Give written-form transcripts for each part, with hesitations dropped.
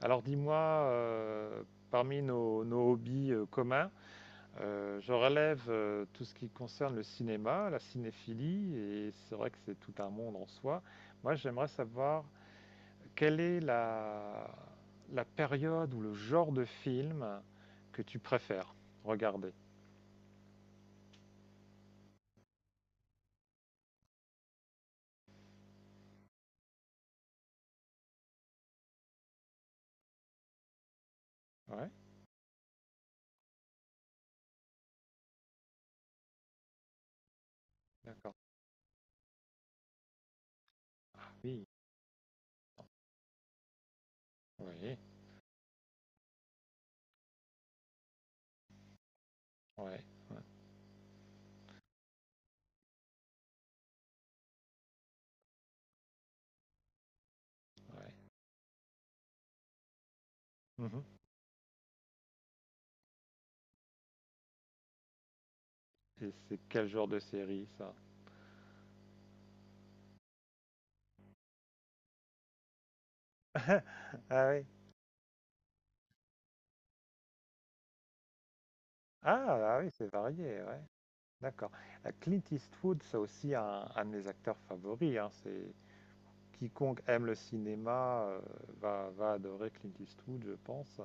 Alors dis-moi, parmi nos hobbies, communs, je relève tout ce qui concerne le cinéma, la cinéphilie, et c'est vrai que c'est tout un monde en soi. Moi, j'aimerais savoir quelle est la période ou le genre de film que tu préfères regarder. Ouais, d'accord. Ah oui, oui, ouais, ouais, ouais. Mhm. Et c'est quel genre de série, ça? Ah oui, ah, ah oui, c'est varié, ouais. D'accord. Clint Eastwood, c'est aussi un de mes acteurs favoris, hein. C'est quiconque aime le cinéma, va adorer Clint Eastwood, je pense.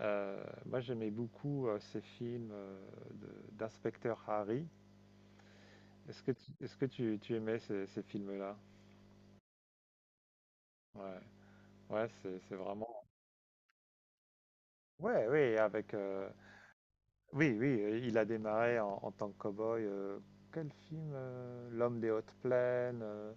Heu, moi, j'aimais beaucoup, ses films, de d'inspecteur Harry. Est-ce que tu aimais ces films-là? Ouais. Ouais, c'est vraiment ouais, oui, avec, oui, oui, il a démarré en tant que cow-boy, quel film? L'homme des hautes plaines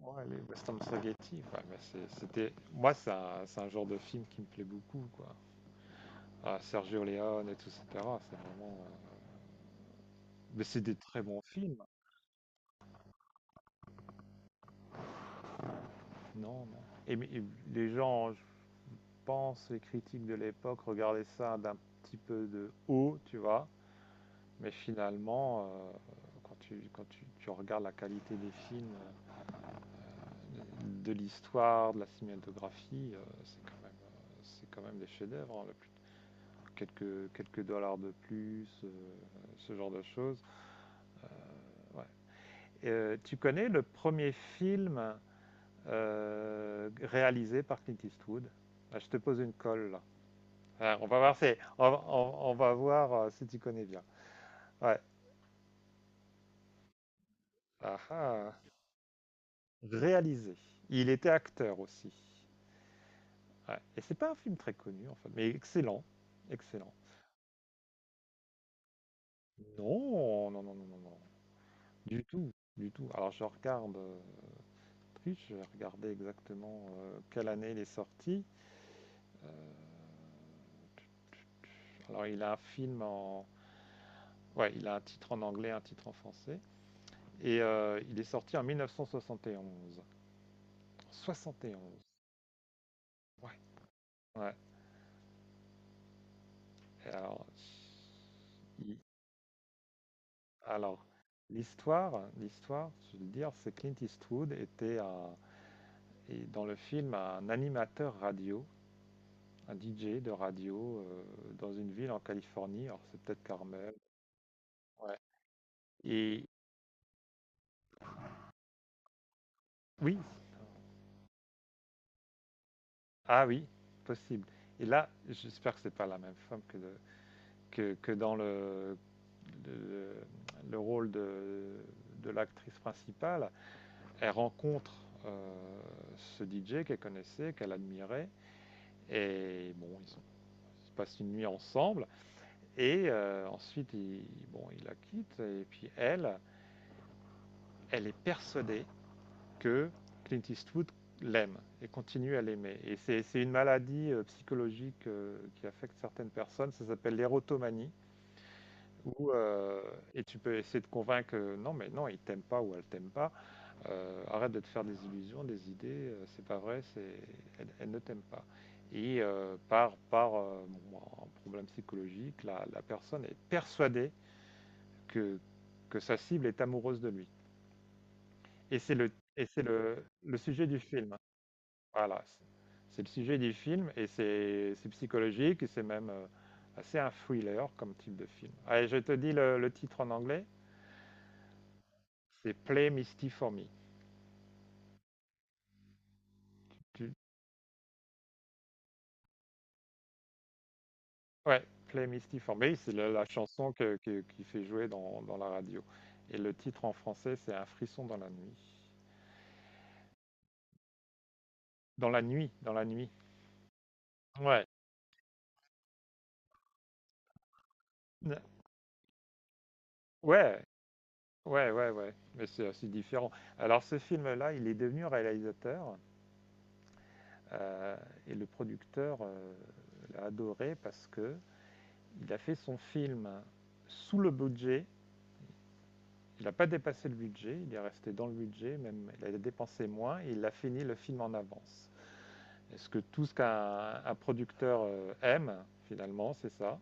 Ouais, les western spaghetti, ouais, mais c'était... Moi, c'est un genre de film qui me plaît beaucoup, quoi. Ah, Sergio Leone et tout, etc. C'est vraiment... euh, Mais c'est des très bons films. Non, non. Et les gens, je pense, les critiques de l'époque regardaient ça d'un petit peu de haut, tu vois. Mais finalement, quand tu regardes la qualité des films, de l'histoire, de la cinématographie, c'est quand même des chefs-d'œuvre, hein, quelques dollars de plus, ce genre de choses. Ouais. Tu connais le premier film réalisé par Clint Eastwood? Ah, je te pose une colle là. Ah, on va voir, si, on va voir si tu connais bien. Ouais. Ah, ah. Réalisé. Il était acteur aussi. Ouais. Et c'est pas un film très connu en fait, mais excellent, excellent. Non, non, non, non, non, non. Du tout, du tout. Alors je regarde. Je vais regarder exactement, quelle année il est sorti. Euh, alors, il a un film en. Ouais, il a un titre en anglais, un titre en français. Et il est sorti en 1971. 71. Ouais. Ouais. Et alors, il- alors l'histoire, je veux dire, c'est Clint Eastwood était et dans le film un animateur radio, un DJ de radio, dans une ville en Californie. Alors c'est peut-être Carmel. Ouais. Et oui, ah oui, possible. Et là, j'espère que c'est pas la même femme que dans le, le rôle de l'actrice principale. Elle rencontre euh, ce DJ qu'elle connaissait, qu'elle admirait, et bon, ils passent une nuit ensemble, et ensuite, il, bon, il la quitte, et puis elle est persuadée que Clint Eastwood l'aime et continue à l'aimer. Et c'est une maladie psychologique, qui affecte certaines personnes, ça s'appelle l'érotomanie. Où, euh, et tu peux essayer de convaincre, non mais non, il t'aime pas ou elle t'aime pas. Arrête de te faire des illusions, des idées, c'est pas vrai, elle ne t'aime pas. Et par bon, un problème psychologique, la personne est persuadée que, que sa cible est amoureuse de lui. Et c'est le, et c'est le sujet du film. Voilà, c'est le sujet du film et c'est psychologique et c'est même, assez un thriller comme type de film. Allez, je te dis le titre en anglais, c'est Play Misty for Me. Tu ouais, Play Misty for Me, c'est la chanson que qui fait jouer dans la radio, et le titre en français, c'est Un frisson dans la nuit. Dans la nuit, dans la nuit. Ouais. N ouais, ouais, ouais, ouais, mais c'est assez différent. Alors ce film-là, il est devenu réalisateur. Euh, et le producteur l'a adoré parce que il a fait son film sous le budget. Il n'a pas dépassé le budget, il est resté dans le budget, même il a dépensé moins et il a fini le film en avance. Est-ce que tout ce qu'un producteur aime, finalement, c'est ça,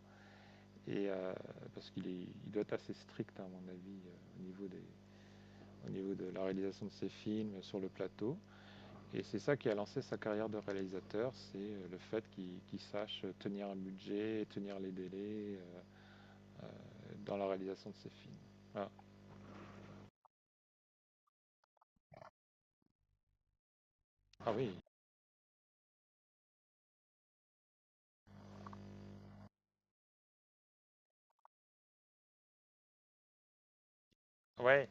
et parce qu'il est- il doit être assez strict, hein, à mon avis, au, niveau des- au niveau de la réalisation de ses films, sur le plateau. Et c'est ça qui a lancé sa carrière de réalisateur, c'est le fait qu'il sache tenir un budget, tenir les délais euh, dans la réalisation de ses films. Ah. Ah oui, ouais,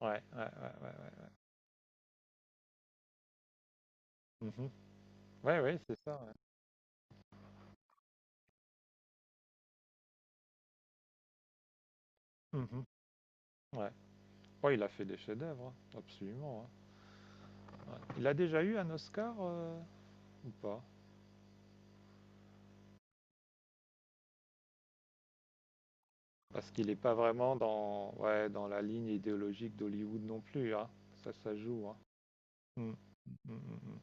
ouais, ouais, ouais, ouais, ouais. Mhm. Ouais, ouais, c'est ça. Ouais. Mhm. Ouais. Ouais, il a fait des chefs-d'œuvre, hein, absolument, hein. Ouais. Il a déjà eu un Oscar, ou pas? Parce qu'il n'est pas vraiment dans, ouais, dans la ligne idéologique d'Hollywood non plus, hein. Ça joue, hein. Mm. Mm, mm, mm.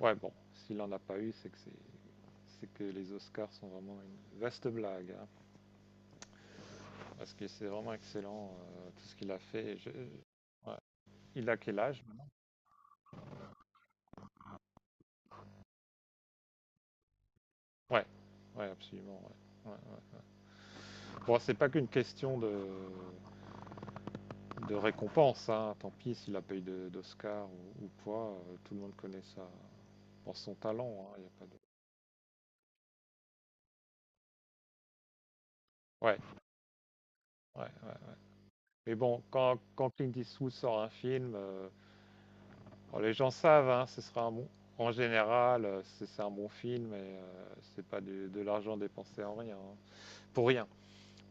Ouais, bon, s'il n'en a pas eu, c'est que les Oscars sont vraiment une vaste blague, hein, parce que c'est vraiment excellent, tout ce qu'il a fait. Ouais. Il a quel âge? Ouais, ouais, absolument, ouais. Ouais, ouais. Bon, c'est pas qu'une question de récompense, hein. Tant pis s'il a pas eu d'Oscar ou quoi, tout le monde connaît ça pour son talent, hein, y a pas de... Ouais, ouais, ouais, ouais. Mais bon, quand Clint Eastwood sort un film, alors, les gens savent, hein, ce sera un bon. En général, c'est un bon film et c'est pas de l'argent dépensé en rien, hein. Pour rien,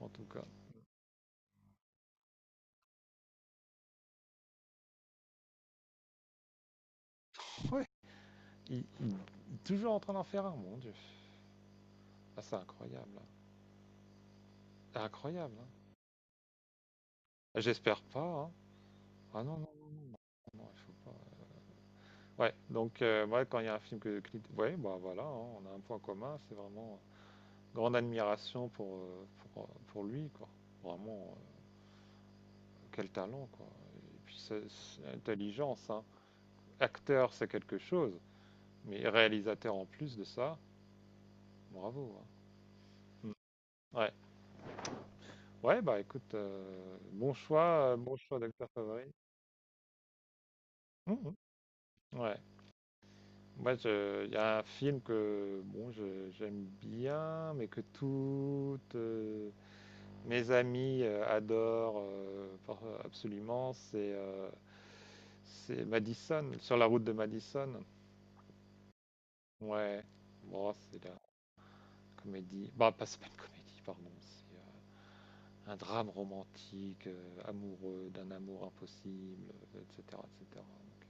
en tout cas. Ouais. Il, il- il est toujours en train d'en faire un, mon dieu. Ah, c'est incroyable, hein. C'est incroyable, hein. J'espère pas, hein. Ah non, non, non, non, il faut pas. Ouais, ouais, donc, ouais, quand il y a un film que Clint. Ouais, bah voilà, hein, on a un point commun. C'est vraiment, grande admiration pour lui, quoi. Vraiment, quel talent, quoi. Et puis, c'est intelligence, hein, acteur, c'est quelque chose, mais réalisateur en plus de ça, bravo, hein. Mm. Ouais, ouais, bah écoute, bon choix d'acteur favori. Mhm. Ouais, moi, il y a un film que bon, j'aime bien, mais que toutes mes amies adorent absolument, c'est Madison, sur la route de Madison. Ouais, bon, c'est la comédie. Bah, pas, c'est pas une comédie, pardon. Un drame romantique, amoureux, d'un amour impossible, etc., etc. Donc,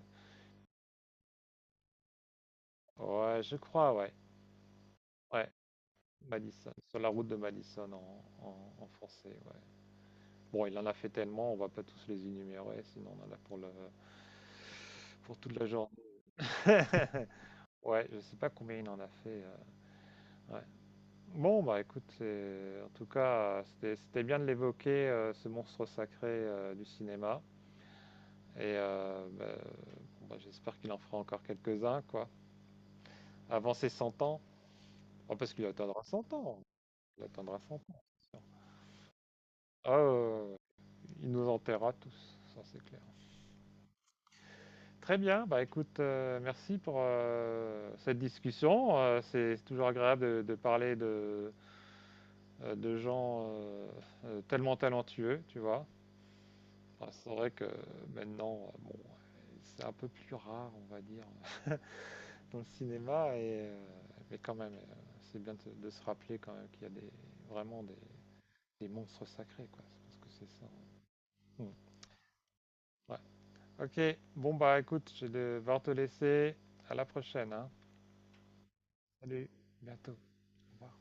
ouais, je crois, ouais. Ouais, Madison, sur la route de Madison en français, ouais. Bon, il en a fait tellement, on va pas tous les énumérer, sinon on en a pour toute la journée. Ouais, je sais pas combien il en a fait. Ouais. Bon, bah écoute, en tout cas, c'était bien de l'évoquer, ce monstre sacré du cinéma. Et bah, bon, bah, j'espère qu'il en fera encore quelques-uns, quoi. Avant ses 100 ans. Oh, parce qu'il atteindra 100 ans. Il atteindra 100 ans, c'est sûr. Ah, il nous enterrera tous, ça c'est clair. Très bien, bah écoute, merci pour cette discussion. C'est toujours agréable de parler de gens, tellement talentueux, tu vois. Ah, c'est vrai que maintenant, bon, c'est un peu plus rare, on va dire, dans le cinéma, mais quand même, c'est bien de se rappeler quand même qu'il y a vraiment des monstres sacrés, quoi. Je pense que c'est ça. Mmh. Ouais. Ok, bon bah écoute, je vais devoir te laisser. À la prochaine, hein. Salut, bientôt. Au revoir.